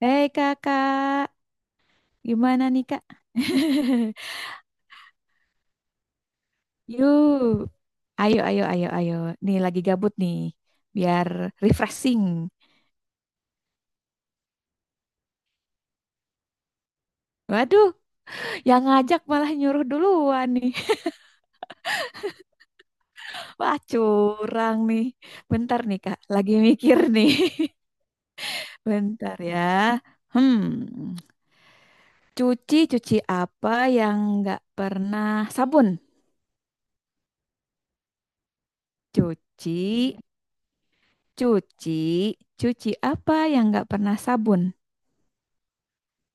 Hei kakak, gimana nih kak? Yuk, ayo, ayo, ayo, ayo. Nih lagi gabut nih, biar refreshing. Waduh, yang ngajak malah nyuruh duluan nih. Wah, curang nih. Bentar nih kak, lagi mikir nih. Bentar ya. Hmm, cuci-cuci apa yang nggak pernah sabun? Cuci, cuci, cuci apa yang nggak pernah sabun?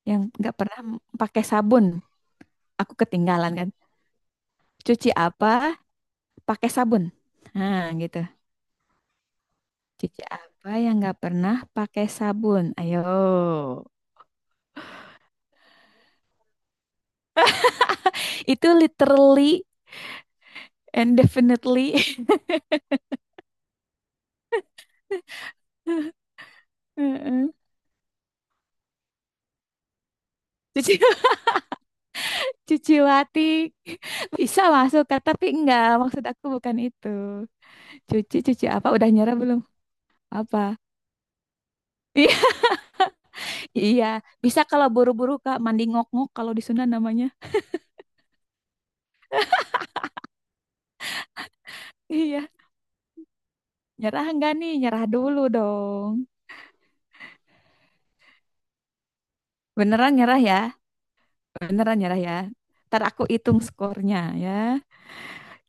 Yang nggak pernah pakai sabun. Aku ketinggalan kan. Cuci apa? Pakai sabun. Nah, gitu. Cuci apa yang nggak pernah pakai sabun? Ayo. Itu literally and definitely. Heeh. Cuci cuci watik. Bisa masuk Kak, tapi enggak. Maksud aku bukan itu. Cuci cuci apa? Udah nyerah belum? Apa? Iya, iya. Bisa kalau buru-buru Kak mandi ngok-ngok kalau di Sunda namanya. Iya, nyerah enggak nih? Nyerah dulu dong. Beneran nyerah ya? Beneran nyerah ya? Ntar aku hitung skornya ya.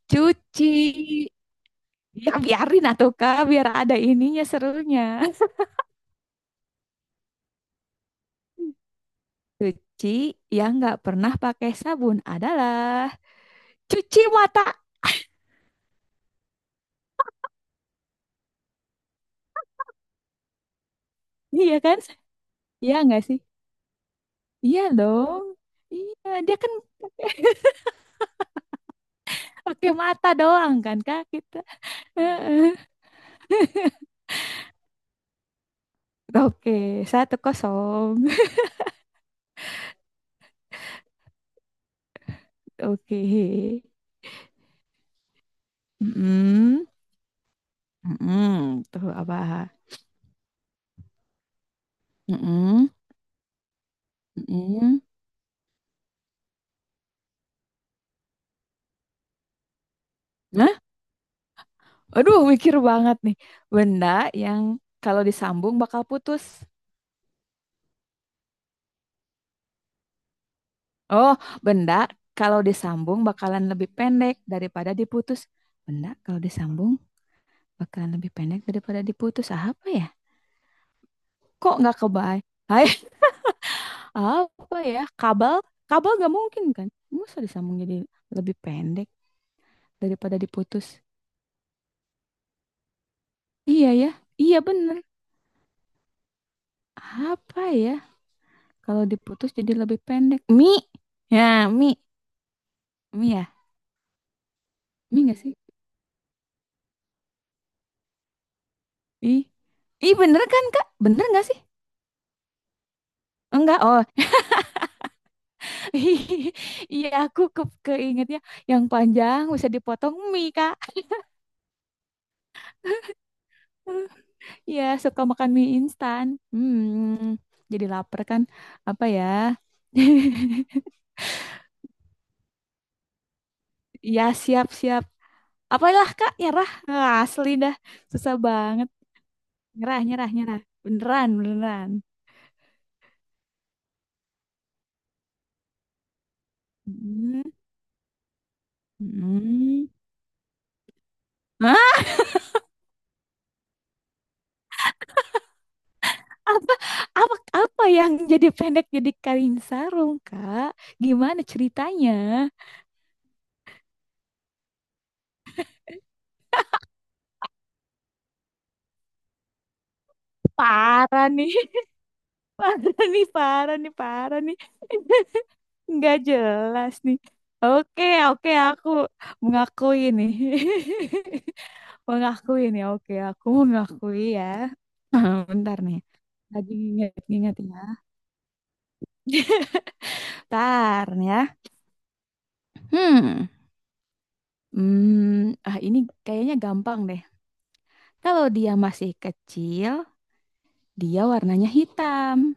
Cuci. Ya biarin atuh Kak, biar ada ininya serunya. Cuci yang nggak pernah pakai sabun adalah cuci mata. Iya kan? Iya nggak sih? Iya dong. Iya, dia kan pakai pakai mata doang kan Kak kita. Heeh. Oke, 1-0. Oke. Mm-mm. Mm-mm. Tuh apa? Mm-mm. Mm-mm. Nah, aduh mikir banget nih. Benda yang kalau disambung bakal putus. Oh, benda kalau disambung bakalan lebih pendek daripada diputus. Benda kalau disambung bakalan lebih pendek daripada diputus. Ah, apa ya? Kok nggak kebayang? Hai, apa ya? Kabel? Kabel nggak mungkin kan? Masa disambung jadi lebih pendek daripada diputus? Iya ya, iya bener. Apa ya? Kalau diputus jadi lebih pendek. Mi, ya mi, mi ya. Mie nggak sih? Ih, ih bener kan Kak? Bener nggak sih? Enggak, oh, iya aku keingetnya yang panjang bisa dipotong mie Kak. Iya suka makan mie instan. Hmm, jadi lapar kan? Apa ya? Iya siap-siap. Apalah Kak, nyerah. Ah, asli dah, susah banget. Nyerah, nyerah, nyerah. Beneran, beneran. Hmm. Hmm. Apa apa apa yang jadi pendek jadi kain sarung kak, gimana ceritanya? Parah nih, parah nih, parah nih, parah nih, nggak jelas nih. Oke, oke, aku mengakui nih. Mengakui nih, oke, aku mengakui ya. Oh, bentar nih, lagi ingat-ingat ya. Bentar nih ya. hmm ah, ini kayaknya gampang deh. Kalau dia masih kecil, dia warnanya hitam,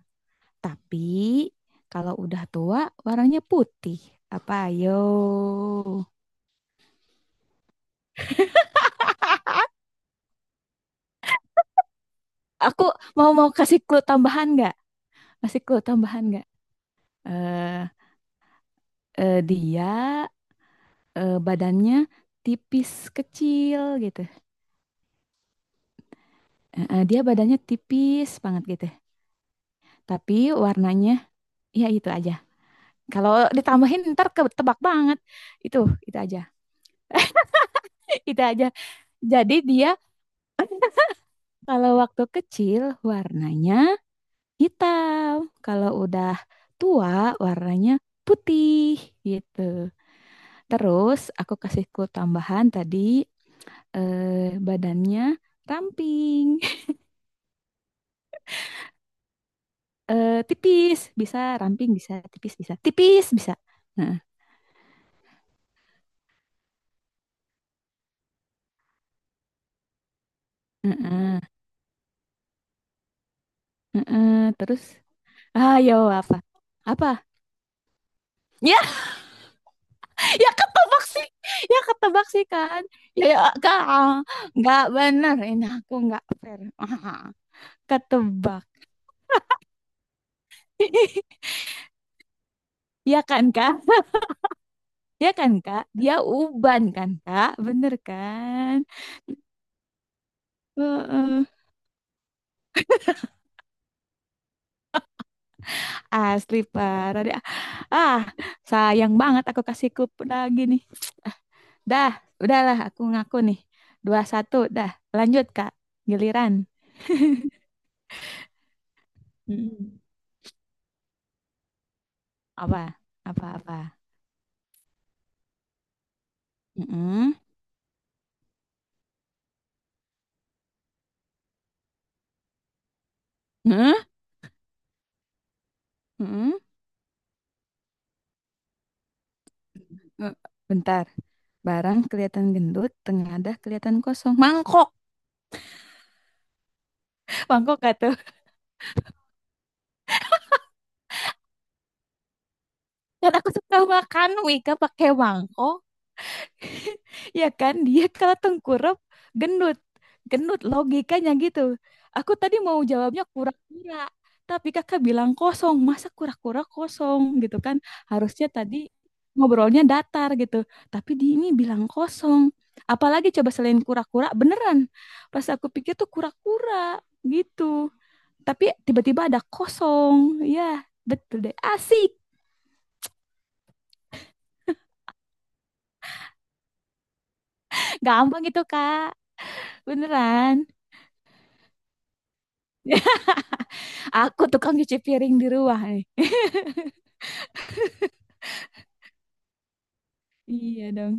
tapi kalau udah tua warnanya putih. Apa ayo? Aku mau mau kasih clue tambahan nggak? Kasih clue tambahan nggak? Eh, eh, dia, eh, badannya tipis kecil gitu. Eh, eh, dia badannya tipis banget gitu. Tapi warnanya ya itu aja. Kalau ditambahin ntar ketebak banget. Itu, itu aja. Itu aja. Jadi dia kalau waktu kecil warnanya hitam. Kalau udah tua warnanya putih gitu. Terus aku kasih clue tambahan tadi, eh, badannya ramping, eh, tipis, bisa ramping, bisa tipis, bisa tipis, bisa. Nah, heeh, heeh. Terus, ayo apa? Apa? Ya, ya ketebak sih, ya ketebak sih kan. Ya, ya kak, nggak bener ini, aku nggak fair. Ketebak. Ya kan kak? Dia kan Kak, dia uban kan Kak, bener kan? Heeh. Asli parah deh. Ah, sayang banget aku kasih kup lagi nih. Dah, udahlah aku ngaku nih. 2-1, dah. Lanjut Kak, giliran. Mm-mm. Apa? Apa-apa? Mm-mm. Mm-mm. Mm-mm. Eh, bentar, barang kelihatan gendut, tengadah kelihatan kosong. Mangkok, mangkok gak tuh? Kan aku suka makan Wika pakai mangkok. Iya kan? Dia kalau tengkurap gendut. Gendut logikanya gitu. Aku tadi mau jawabnya kura-kura. Tapi kakak bilang kosong. Masa kura-kura kosong gitu kan? Harusnya tadi ngobrolnya datar gitu. Tapi di ini bilang kosong. Apalagi coba selain kura-kura beneran. Pas aku pikir tuh kura-kura gitu. Tapi tiba-tiba ada kosong. Ya, betul deh. Asik. Gampang gitu, Kak. Beneran. Aku tukang cuci piring di rumah nih. Iya dong.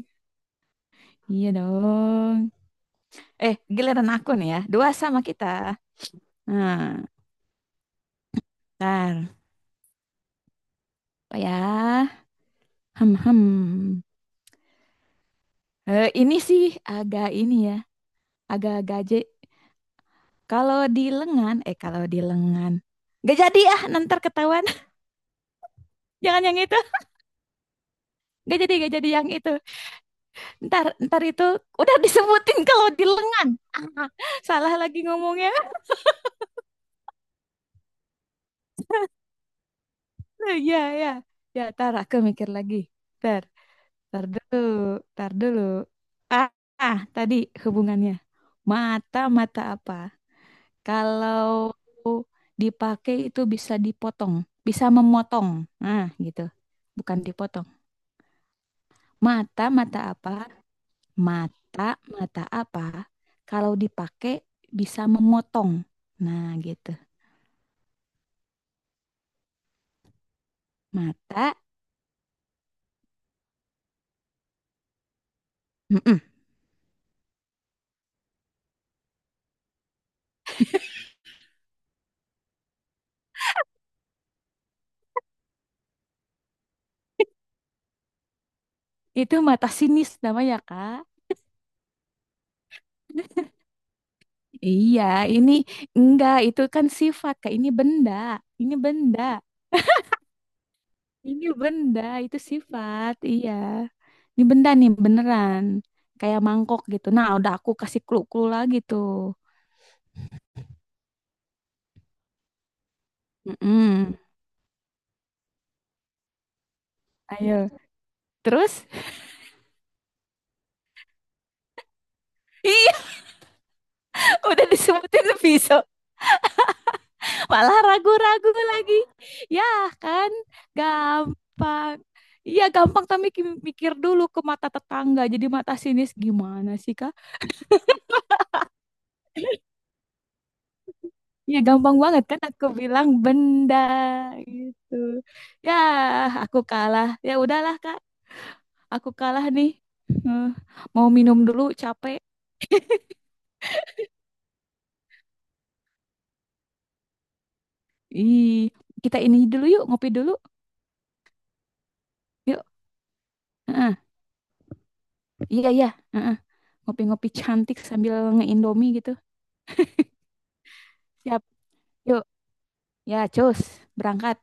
Iya dong. Eh, giliran aku nih ya. 2-2 kita. Nah, ntar. Apa ya? Hmm, hmm. Eh, ini sih agak ini ya. Agak gaje. Kalau di lengan, eh kalau di lengan. Gak jadi ah, ntar ketahuan. Jangan yang itu. Gak jadi yang itu. Ntar, ntar itu udah disebutin kalau di lengan. Salah lagi ngomongnya. Ya, ya. Ya, ntar aku mikir lagi. Ntar. Tar dulu, tar dulu. Ah, ah, tadi hubungannya. Mata-mata apa? Kalau dipakai itu bisa dipotong, bisa memotong. Nah, gitu. Bukan dipotong. Mata-mata apa? Mata-mata apa? Kalau dipakai bisa memotong. Nah, gitu. Mata, mm-mm. Itu mata sinis namanya, Kak. Iya, ini enggak, itu kan sifat, Kak. Ini benda, ini benda. Ini benda, itu sifat, iya. Ini benda nih, beneran. Kayak mangkok gitu. Nah, udah aku kasih clue-clue lagi tuh. Mm-mm. Ayo. Terus? Iya, udah disebutin pisau. Malah ragu-ragu lagi. Ya kan, gampang. Iya, gampang tapi mikir dulu ke mata tetangga. Jadi mata sinis gimana sih, Kak? Iya, gampang banget kan aku bilang benda gitu. Ya, aku kalah. Ya udahlah, Kak. Aku kalah nih. Eh, mau minum dulu, capek. Ih, kita ini dulu yuk, ngopi dulu. Yuk. Heeh. Iya, iya. Heeh. Ngopi-ngopi cantik sambil nge-indomie gitu. Siap. Yuk. Ya, cus. Berangkat.